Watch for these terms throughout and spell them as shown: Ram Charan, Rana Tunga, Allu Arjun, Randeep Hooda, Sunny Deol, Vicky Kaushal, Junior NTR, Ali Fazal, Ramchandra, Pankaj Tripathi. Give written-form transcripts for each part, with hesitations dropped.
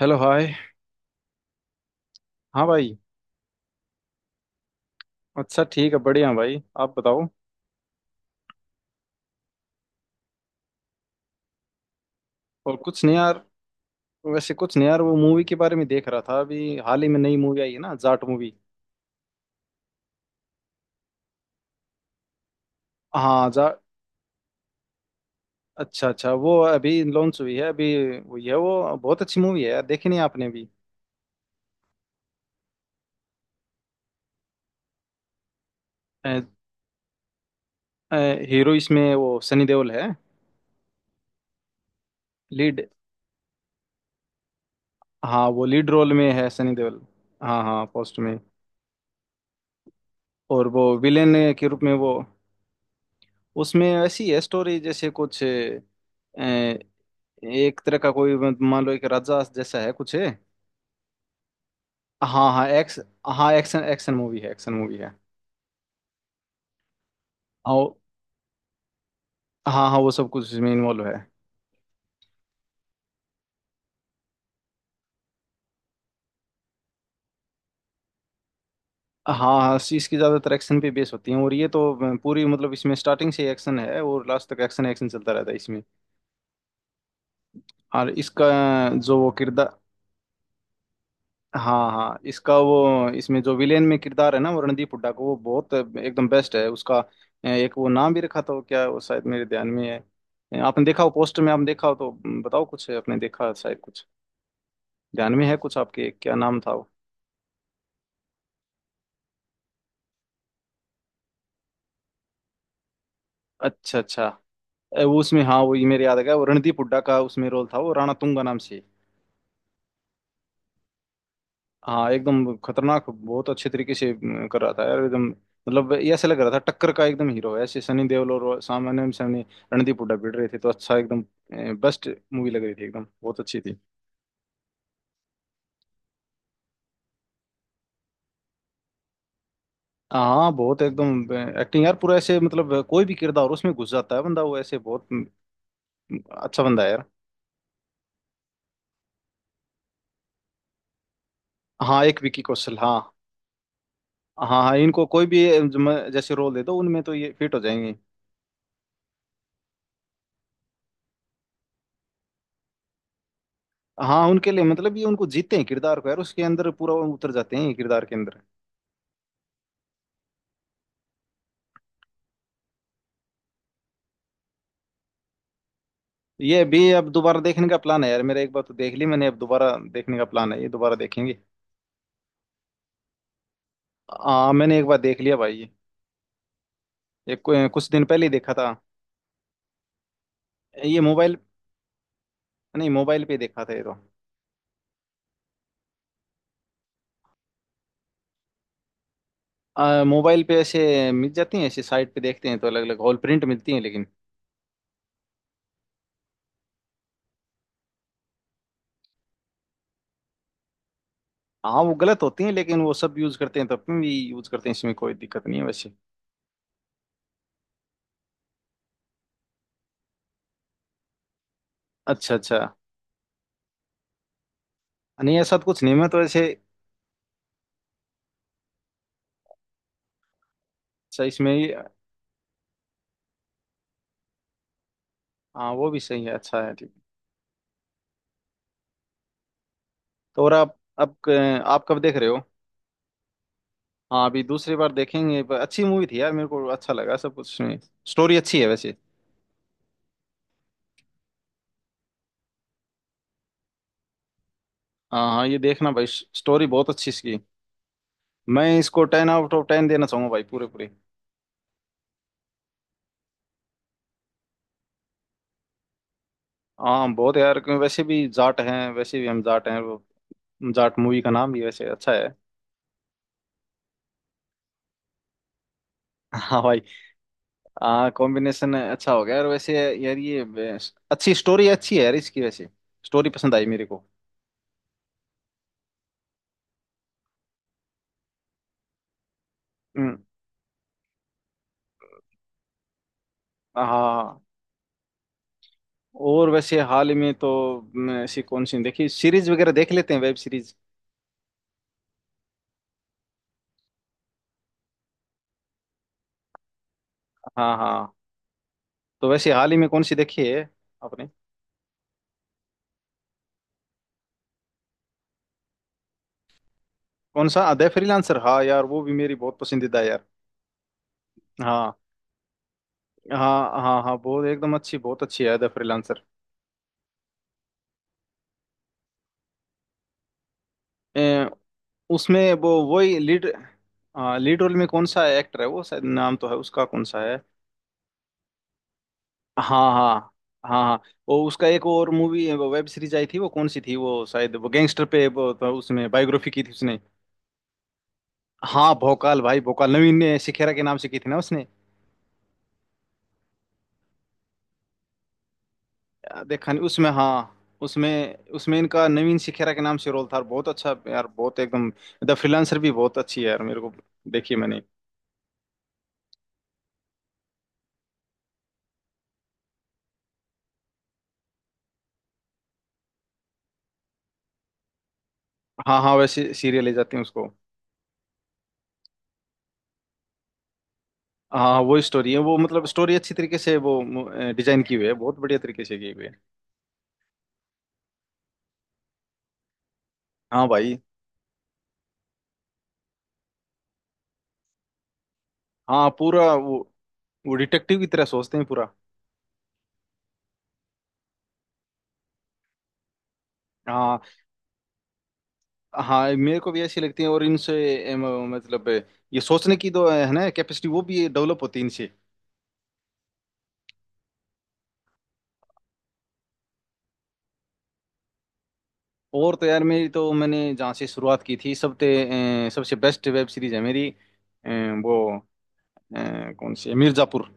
Hello, hi. हाँ भाई। अच्छा ठीक है, बढ़िया भाई। आप बताओ। और कुछ नहीं यार। वैसे कुछ नहीं यार, वो मूवी के बारे में देख रहा था। अभी हाल ही में नई मूवी आई है ना, जाट मूवी। हाँ जा अच्छा अच्छा, वो अभी लॉन्च हुई है अभी। वो ये वो बहुत अच्छी मूवी है यार। देखी नहीं आपने भी? अ, अ, हीरो इसमें वो सनी देओल है। लीड। हाँ वो लीड रोल में है, सनी देओल। हाँ हाँ पोस्ट में। और वो विलेन के रूप में वो। उसमें ऐसी है स्टोरी, जैसे कुछ एक तरह का कोई मान लो एक राजा जैसा है कुछ है। हाँ हाँ एक्स हाँ, एक्शन एक्शन मूवी है, एक्शन मूवी है। और हाँ हाँ वो सब कुछ इसमें इन्वॉल्व है। हाँ हाँ इसकी ज़्यादातर एक्शन पे बेस होती हैं। और ये तो पूरी मतलब इसमें स्टार्टिंग से एक्शन है और लास्ट तक एक्शन एक्शन चलता रहता है इसमें। और इसका जो वो किरदार। हाँ हाँ इसका वो इसमें जो विलेन में किरदार है ना, वो रणदीप हुड्डा को, वो बहुत एकदम बेस्ट है उसका। एक वो नाम भी रखा था, वो क्या है, वो शायद मेरे ध्यान में है। आपने देखा हो पोस्टर में, आपने देखा हो तो बताओ कुछ, आपने देखा शायद कुछ ध्यान में है कुछ आपके, क्या नाम था वो। अच्छा अच्छा। वो उसमें, हाँ वो ये मेरे याद आ गया, वो रणदीप हुड्डा का उसमें रोल था, वो राणा तुंगा नाम से। हाँ एकदम खतरनाक, बहुत अच्छे तरीके से कर रहा था यार एकदम। मतलब ये ऐसा लग रहा था टक्कर का एकदम हीरो है, ऐसे सनी देओल, और सामने सामने रणदीप हुड्डा भिड़ रहे थे, तो अच्छा एकदम बेस्ट मूवी लग रही थी एकदम, बहुत अच्छी थी। हाँ बहुत एकदम एक्टिंग यार पूरा, ऐसे मतलब कोई भी किरदार हो, उसमें घुस जाता है बंदा वो, ऐसे बहुत अच्छा बंदा है यार। हाँ, एक विकी कौशल, हाँ। हाँ हाँ इनको कोई भी जैसे रोल दे दो, उनमें तो ये फिट हो जाएंगे। हाँ उनके लिए मतलब ये उनको जीते हैं किरदार को यार, उसके अंदर पूरा वो उतर जाते हैं ये किरदार के अंदर। ये भी अब दोबारा देखने का प्लान है यार मेरा। एक बार तो देख ली मैंने, अब दोबारा देखने का प्लान है, ये दोबारा देखेंगे। मैंने एक बार देख लिया भाई ये। एक कुछ दिन पहले ही देखा था। ये मोबाइल नहीं, मोबाइल पे देखा था ये तो। मोबाइल पे ऐसे मिल जाती हैं, ऐसे साइट पे देखते हैं तो अलग अलग हॉल प्रिंट मिलती हैं लेकिन। हाँ वो गलत होती हैं लेकिन वो सब यूज करते हैं तो अपन भी यूज करते हैं, इसमें कोई दिक्कत नहीं है वैसे। अच्छा अच्छा। नहीं ऐसा तो कुछ नहीं, मैं तो ऐसे। अच्छा इसमें ही। हाँ वो भी सही है, अच्छा है, ठीक। तो और आप अब आप कब देख रहे हो। हाँ अभी दूसरी बार देखेंगे। पर अच्छी मूवी थी यार, मेरे को अच्छा लगा सब कुछ में। स्टोरी अच्छी है वैसे। हाँ हाँ ये देखना भाई, स्टोरी बहुत अच्छी इसकी। मैं इसको 10/10 देना चाहूंगा भाई, पूरे पूरे। हाँ बहुत यार, क्यों वैसे भी जाट हैं, वैसे भी हम जाट हैं वो। जाट मूवी का नाम भी वैसे अच्छा है। हाँ भाई। हाँ कॉम्बिनेशन अच्छा हो गया। और वैसे यार ये अच्छी स्टोरी, अच्छी है यार इसकी वैसे, स्टोरी पसंद आई मेरे को। हम्म, हाँ हाँ, हाँ। और वैसे हाल ही में तो मैं ऐसी कौन सी देखी, सीरीज वगैरह देख लेते हैं, वेब सीरीज। हाँ हाँ। तो वैसे हाल ही में कौन सी देखी है आपने। कौन सा द फ्रीलांसर, हाँ यार वो भी मेरी बहुत पसंदीदा है यार। हाँ हाँ हाँ हाँ बहुत एकदम अच्छी, बहुत अच्छी है द फ्रीलांसर। ए, उसमें वो वही लीड, लीड रोल में कौन सा एक्टर है, वो शायद नाम तो है उसका, कौन सा है। हाँ हाँ हाँ हाँ। वो उसका एक और मूवी वेब सीरीज आई थी, वो कौन सी थी, वो शायद वो गैंगस्टर पे वो, तो उसमें बायोग्राफी की थी उसने। हाँ भोकाल भाई, भोकाल नवीन ने सिखेरा के नाम से की थी ना उसने। देखा नहीं उसमें हाँ, उसमें उसमें इनका नवीन सिखेरा के नाम से रोल था, और बहुत अच्छा यार, बहुत एकदम। द फ्रीलांसर भी बहुत अच्छी है यार मेरे को, देखी मैंने। हाँ हाँ वैसे सीरियल ले जाते हैं उसको। हाँ वो स्टोरी है वो, मतलब स्टोरी अच्छी तरीके से वो डिजाइन की हुई है, बहुत बढ़िया तरीके से की हुई है। हाँ भाई। हाँ पूरा वो डिटेक्टिव की तरह सोचते हैं पूरा। हाँ हाँ मेरे को भी ऐसी लगती है। और इनसे एम, मतलब ये सोचने की तो है ना कैपेसिटी, वो भी डेवलप होती है इनसे। और तो यार मेरी तो, मैंने जहाँ से शुरुआत की थी सबसे सबसे बेस्ट वेब सीरीज है मेरी, वो कौन सी है? मिर्जापुर।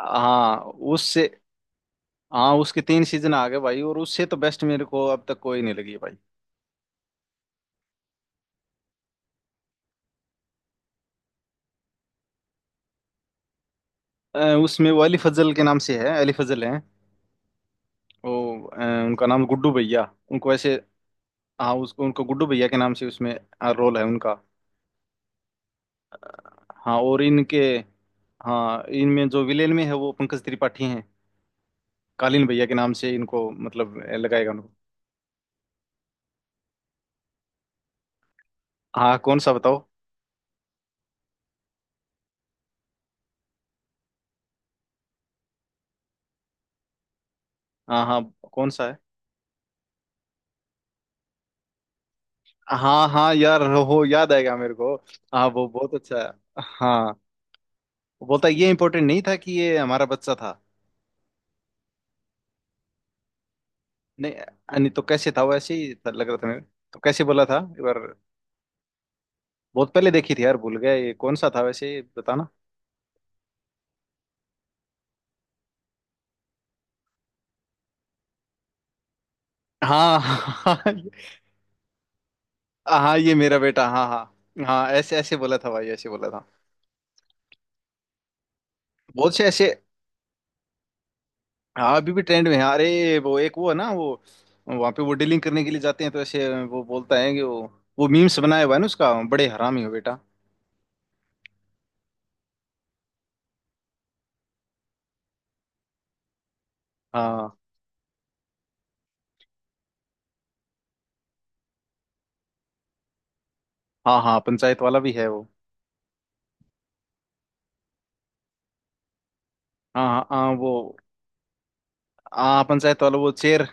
हाँ उससे। हाँ उसके 3 सीजन आ गए भाई, और उससे तो बेस्ट मेरे को अब तक कोई नहीं लगी है भाई। उसमें वो अली फजल के नाम से है, अली फजल है वो। अ, उनका नाम गुड्डू भैया, उनको ऐसे। हाँ उसको उनको गुड्डू भैया के नाम से उसमें रोल है उनका। हाँ और इनके, हाँ इनमें जो विलेन में है वो पंकज त्रिपाठी हैं, कालीन भैया के नाम से इनको मतलब लगाएगा उनको। हाँ कौन सा बताओ। हाँ हाँ कौन सा है। हाँ हाँ यार, हो याद आएगा मेरे को। हाँ वो बहुत अच्छा है। हाँ वो बोलता है, ये इम्पोर्टेंट नहीं था कि ये हमारा बच्चा था। नहीं नहीं तो कैसे था, वैसे ही था, लग रहा था मेरे। तो कैसे बोला था? एक बार बहुत पहले देखी थी यार, भूल गया ये कौन सा था, वैसे बताना। हाँ हाँ हाँ, ये मेरा बेटा, हाँ हाँ हाँ ऐसे ऐसे बोला था भाई, ऐसे बोला था। बहुत से ऐसे। हाँ अभी भी ट्रेंड में है। अरे वो एक वो है ना वो, वहाँ पे वो डीलिंग करने के लिए जाते हैं तो ऐसे वो बोलता है कि वो मीम्स बनाया हुआ है ना उसका, बड़े हरामी हो बेटा। हाँ। हाँ हाँ पंचायत वाला भी है वो। हाँ हाँ हाँ, वो। हाँ पंचायत वाला वो चेयर।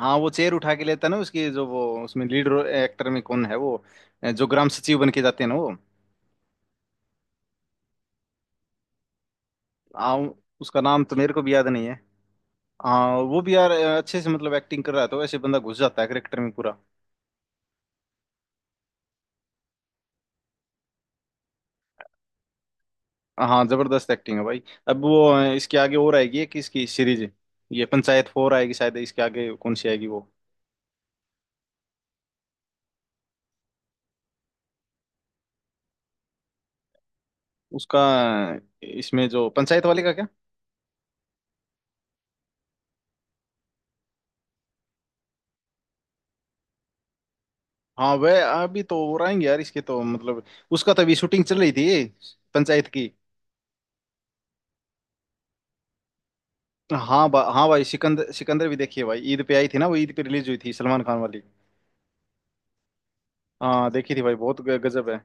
हाँ वो चेयर उठा के लेता है ना उसकी, जो वो उसमें लीड एक्टर में कौन है वो, जो ग्राम सचिव बन के जाते हैं ना वो। हाँ उसका नाम तो मेरे को भी याद नहीं है। हाँ वो भी यार अच्छे से मतलब एक्टिंग कर रहा है तो ऐसे बंदा घुस जाता है करेक्टर में पूरा। हाँ जबरदस्त एक्टिंग है भाई। अब वो इसके आगे और आएगी एक इसकी सीरीज, ये पंचायत 4 आएगी शायद इसके आगे, कौन सी आएगी वो। उसका इसमें जो पंचायत वाले का क्या। हाँ वह अभी तो और आएंगे यार इसके तो मतलब, उसका तो अभी शूटिंग चल रही थी पंचायत की। हाँ हाँ भाई सिकंदर, सिकंदर भी देखिए भाई, ईद पे आई थी ना वो, ईद पे रिलीज हुई थी सलमान खान वाली। हाँ देखी थी भाई, बहुत गजब है।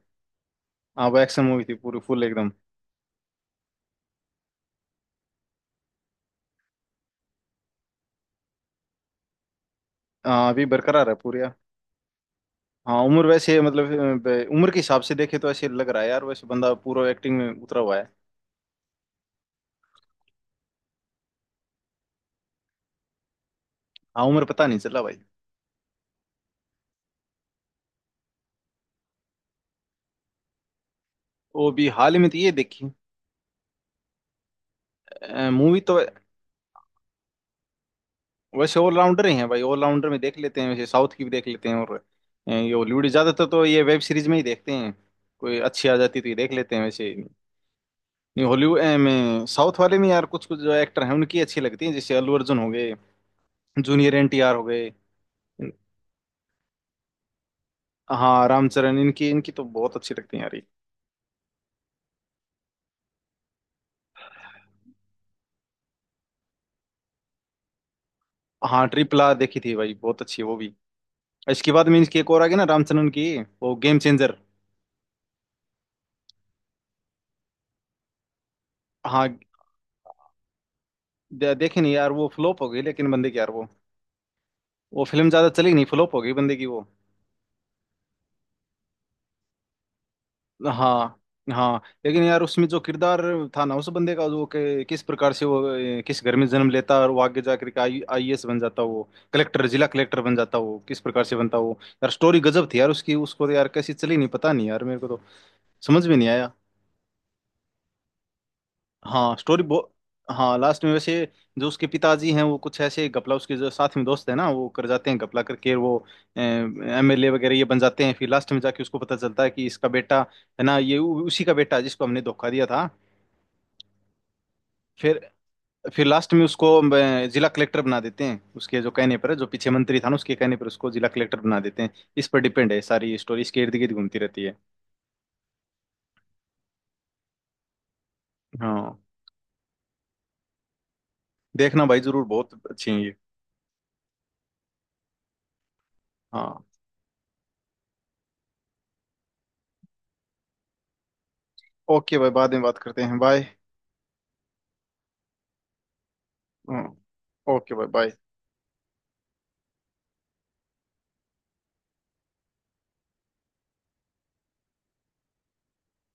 हाँ वो एक्शन मूवी थी पूरी, फुल एकदम। हाँ अभी बरकरार है पूरी। हाँ उम्र वैसे मतलब उम्र के हिसाब से देखे तो ऐसे लग रहा है यार, वैसे बंदा पूरा एक्टिंग में उतरा हुआ है। हाँ उम्र पता नहीं चला भाई। वो भी हाल ही में तो ये देखी। मूवी तो वैसे ऑलराउंडर ही है भाई, ऑलराउंडर में देख लेते हैं वैसे। साउथ की भी देख लेते हैं और ये हॉलीवुड। ज्यादातर तो ये वेब सीरीज में ही देखते हैं, कोई अच्छी आ जाती तो ये देख लेते हैं वैसे। नहीं हॉलीवुड में साउथ वाले में यार कुछ कुछ जो एक्टर हैं उनकी अच्छी लगती हैं, जैसे अल्लू अर्जुन हो गए, जूनियर एनटीआर हो गए। हाँ रामचरण इनकी इनकी तो बहुत अच्छी लगती है यार। हाँ RRR देखी थी भाई, बहुत अच्छी है वो भी। इसके बाद मीन्स की एक और आ गई ना रामचंद्रन की, वो गेम चेंजर। हाँ देखी नहीं यार, वो फ्लॉप हो गई लेकिन बंदे की यार वो फिल्म ज्यादा चली नहीं, फ्लॉप हो गई बंदे की वो। हाँ हाँ लेकिन यार उसमें जो किरदार था ना उस बंदे का वो किस प्रकार से वो किस घर में जन्म लेता और वो आगे जाकर के आई आईएएस बन जाता, वो कलेक्टर जिला कलेक्टर बन जाता, वो किस प्रकार से बनता वो, यार स्टोरी गजब थी यार उसकी। उसको तो यार कैसी चली नहीं पता नहीं यार, मेरे को तो समझ में नहीं आया। हाँ स्टोरी बहुत। हाँ लास्ट में वैसे जो उसके पिताजी हैं वो कुछ ऐसे गपला, उसके जो साथ में दोस्त है ना वो कर जाते हैं, गपला करके वो एमएलए वगैरह ये बन जाते हैं। फिर लास्ट में जाके उसको पता चलता है कि इसका बेटा है ना ये, उसी का बेटा है जिसको हमने धोखा दिया था। फिर फिर लास्ट में उसको जिला कलेक्टर बना देते हैं उसके, जो कहने पर जो पीछे मंत्री था ना उसके कहने पर उसको जिला कलेक्टर बना देते हैं। इस पर डिपेंड है सारी स्टोरी, इसके इर्द गिर्द घूमती रहती है। हाँ देखना भाई जरूर, बहुत अच्छी है ये। हाँ ओके भाई, बाद में बात करते हैं, बाय। हम्म ओके भाई बाय।